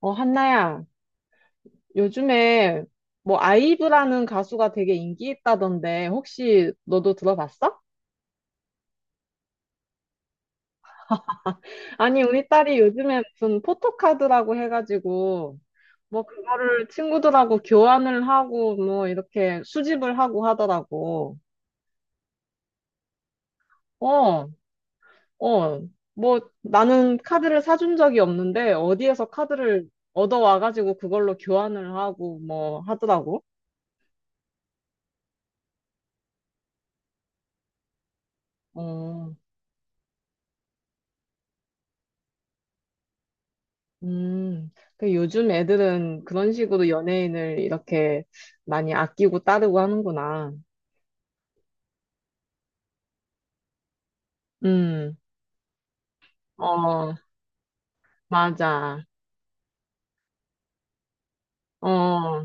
어, 한나야, 요즘에 뭐 아이브라는 가수가 되게 인기 있다던데 혹시 너도 들어봤어? 아니, 우리 딸이 요즘에 무슨 포토카드라고 해가지고 뭐 그거를 친구들하고 교환을 하고 뭐 이렇게 수집을 하고 하더라고. 어, 어. 뭐 나는 카드를 사준 적이 없는데 어디에서 카드를 얻어와가지고 그걸로 교환을 하고 뭐 하더라고. 어. 음, 그 요즘 애들은 그런 식으로 연예인을 이렇게 많이 아끼고 따르고 하는구나. 음, 어, 맞아. 어,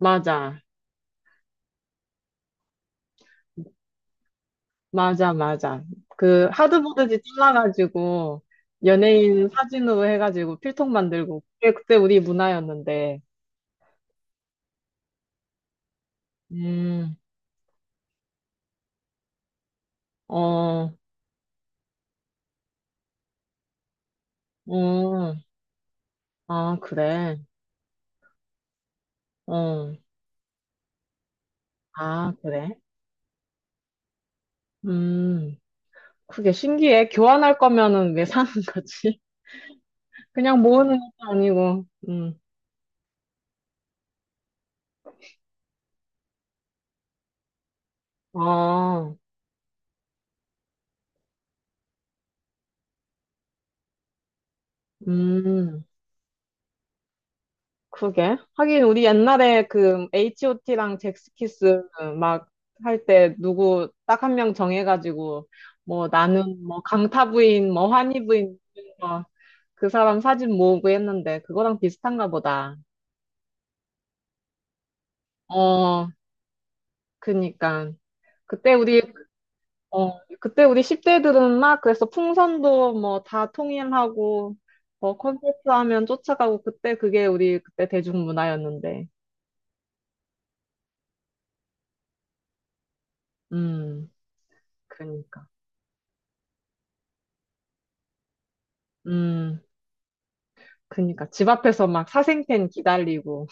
맞아. 맞아, 맞아. 그 하드보드지 잘라가지고 연예인 사진으로 해가지고 필통 만들고 그게 그때 우리 문화였는데. 음, 어, 어, 아, 그래. 어, 아, 그래. 음, 그게 신기해. 교환할 거면은 왜 사는 거지? 그냥 모으는 것도 아니고. 아, 음, 그게 하긴, 우리 옛날에 그, H.O.T.랑 잭스키스 막 할 때 누구 딱 한 명 정해가지고, 뭐 나는 뭐 강타 부인, 뭐 환희 부인, 뭐 그 사람 사진 모으고 했는데, 그거랑 비슷한가 보다. 어, 그니까. 그때 우리 그때 우리 10대들은 막 그래서 풍선도 뭐 다 통일하고 뭐 콘서트 하면 쫓아가고 그때 그게 우리 그때 대중문화였는데. 음, 그러니까. 음, 그러니까 집 앞에서 막 사생팬 기다리고,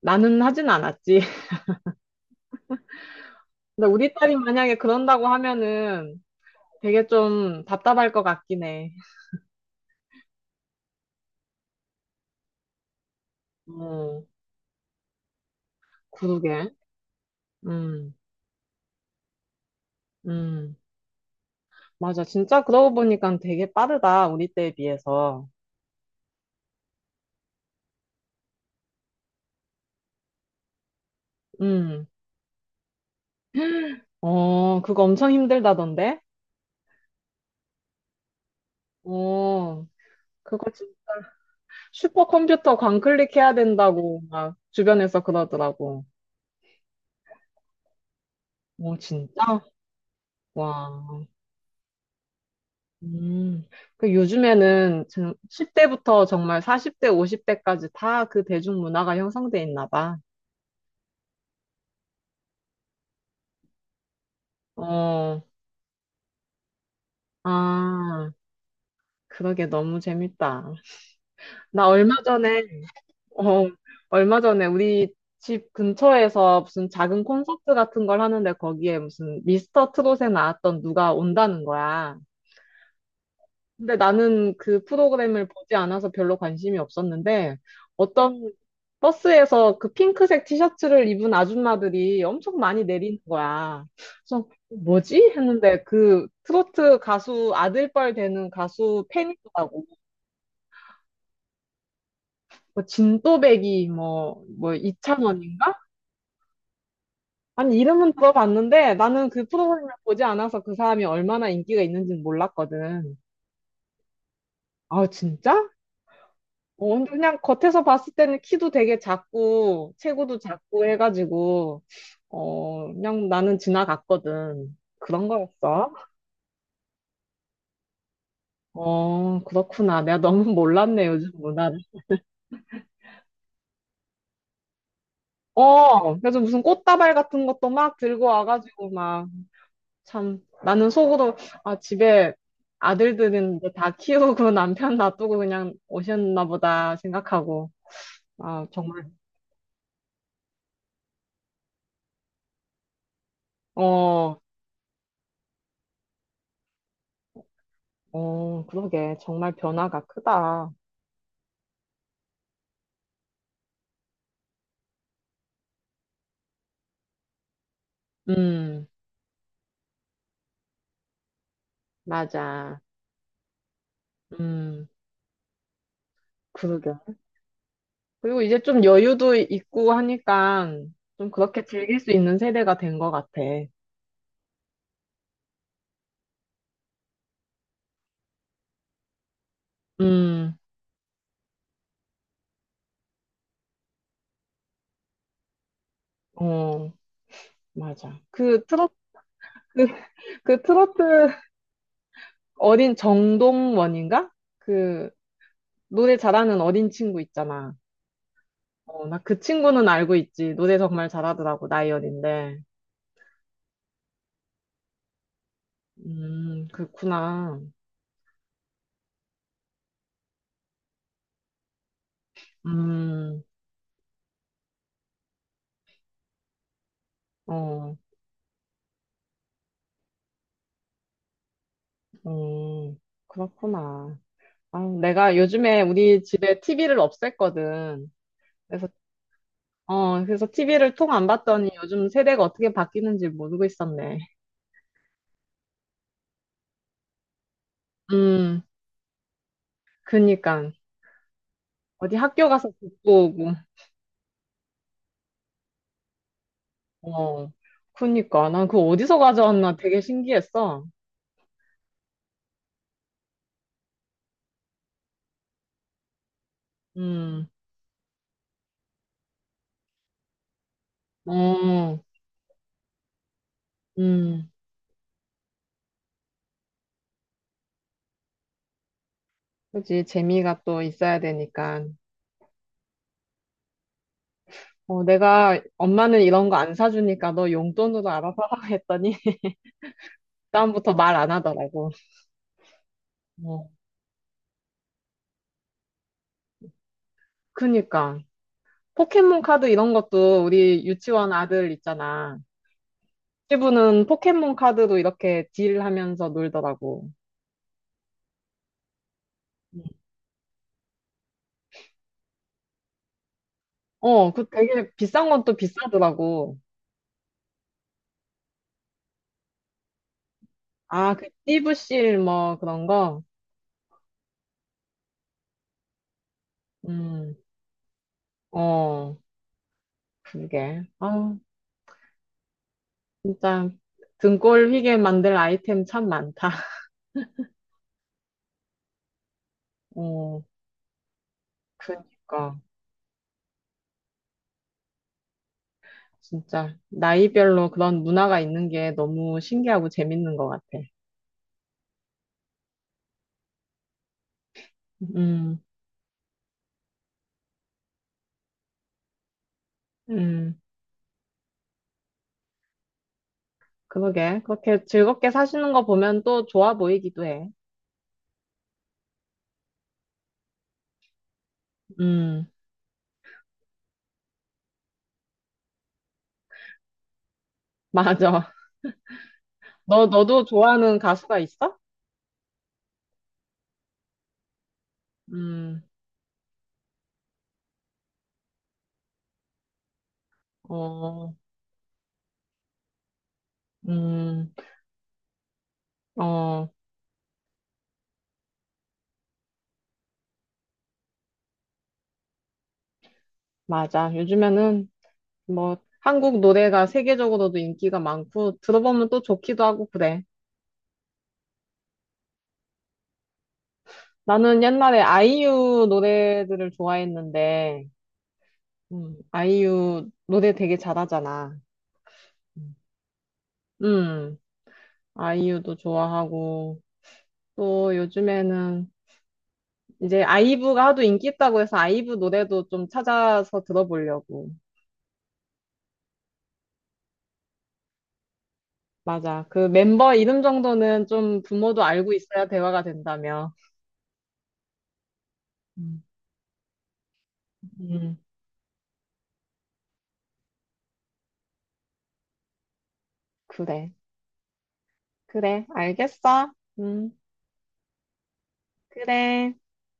나는 하진 않았지. 근데 우리 딸이 만약에 그런다고 하면은 되게 좀 답답할 것 같긴 해. 음, 그러게. 음, 음. 맞아. 진짜 그러고 보니까 되게 빠르다. 우리 때에 비해서. 음. 어, 그거 엄청 힘들다던데? 어, 그거 진짜 슈퍼컴퓨터 광클릭해야 된다고 막 주변에서 그러더라고. 어, 진짜? 와. 음. 그 요즘에는 10대부터 정말 40대, 50대까지 다 그 대중문화가 형성돼 있나 봐. 어, 아, 그러게 너무 재밌다. 나 얼마 전에 어, 얼마 전에 우리 집 근처에서 무슨 작은 콘서트 같은 걸 하는데 거기에 무슨 미스터 트롯에 나왔던 누가 온다는 거야. 근데 나는 그 프로그램을 보지 않아서 별로 관심이 없었는데 어떤 버스에서 그 핑크색 티셔츠를 입은 아줌마들이 엄청 많이 내리는 거야. 그래서 뭐지? 했는데 그 트로트 가수 아들뻘 되는 가수 팬이더라고. 뭐 진또배기 뭐 이찬원인가? 아니, 이름은 들어봤는데 나는 그 프로그램을 보지 않아서 그 사람이 얼마나 인기가 있는지는 몰랐거든. 아, 진짜? 어, 근데 그냥 겉에서 봤을 때는 키도 되게 작고, 체구도 작고 해가지고, 어, 그냥 나는 지나갔거든. 그런 거였어? 어, 그렇구나. 내가 너무 몰랐네, 요즘 문화를. 어, 그래서 무슨 꽃다발 같은 것도 막 들고 와가지고 막, 참, 나는 속으로, 아, 집에 아들들은 이제 다 키우고 남편 놔두고 그냥 오셨나 보다 생각하고, 아, 정말, 어, 어, 그러게. 정말 변화가 크다. 음, 맞아. 음, 그러게. 그리고 이제 좀 여유도 있고 하니까 좀 그렇게 즐길 수 있는 세대가 된 것 같아. 음, 어, 맞아. 그 트로트, 그 그 트로트 어린 정동원인가? 그 노래 잘하는 어린 친구 있잖아. 어, 나 그 친구는 알고 있지. 노래 정말 잘하더라고, 나이 어린데. 그렇구나. 음, 어, 음, 그렇구나. 아, 내가 요즘에 우리 집에 TV를 없앴거든. 그래서, 그래서 TV를 통 안 봤더니 요즘 세대가 어떻게 바뀌는지 모르고 있었네. 음, 그니까. 어디 학교 가서 듣고 오고. 어, 그니까. 난 그거 어디서 가져왔나 되게 신기했어. 음, 어. 음, 그지. 재미가 또 있어야 되니까. 어, 내가 엄마는 이런 거 안 사주니까 너 용돈으로 알아서 하라 했더니 다음부터 말 안 하더라고. 어. 그니까. 포켓몬 카드 이런 것도 우리 유치원 아들 있잖아. 친구는 포켓몬 카드로 이렇게 딜하면서 놀더라고. 음. 어, 그 되게 비싼 건 또 비싸더라고. 아, 그 띠부씰 뭐 그런 거? 음, 어, 그게. 아, 진짜 등골 휘게 만들 아이템 참 많다. 어, 그러니까 진짜 나이별로 그런 문화가 있는 게 너무 신기하고 재밌는 것 같아. 음, 음, 그러게. 그렇게 즐겁게 사시는 거 보면 또 좋아 보이기도 해. 음, 맞아. 너도 좋아하는 가수가 있어? 음, 어, 음, 어, 맞아. 요즘에는 뭐 한국 노래가 세계적으로도 인기가 많고 들어보면 또 좋기도 하고 그래. 나는 옛날에 아이유 노래들을 좋아했는데, 아이유 노래 되게 잘하잖아. 음, 아이유도 좋아하고, 또 요즘에는 이제 아이브가 하도 인기 있다고 해서 아이브 노래도 좀 찾아서 들어보려고. 맞아. 그 멤버 이름 정도는 좀 부모도 알고 있어야 대화가 된다며. 음, 음, 그래. 그래. 알겠어. 음, 그래.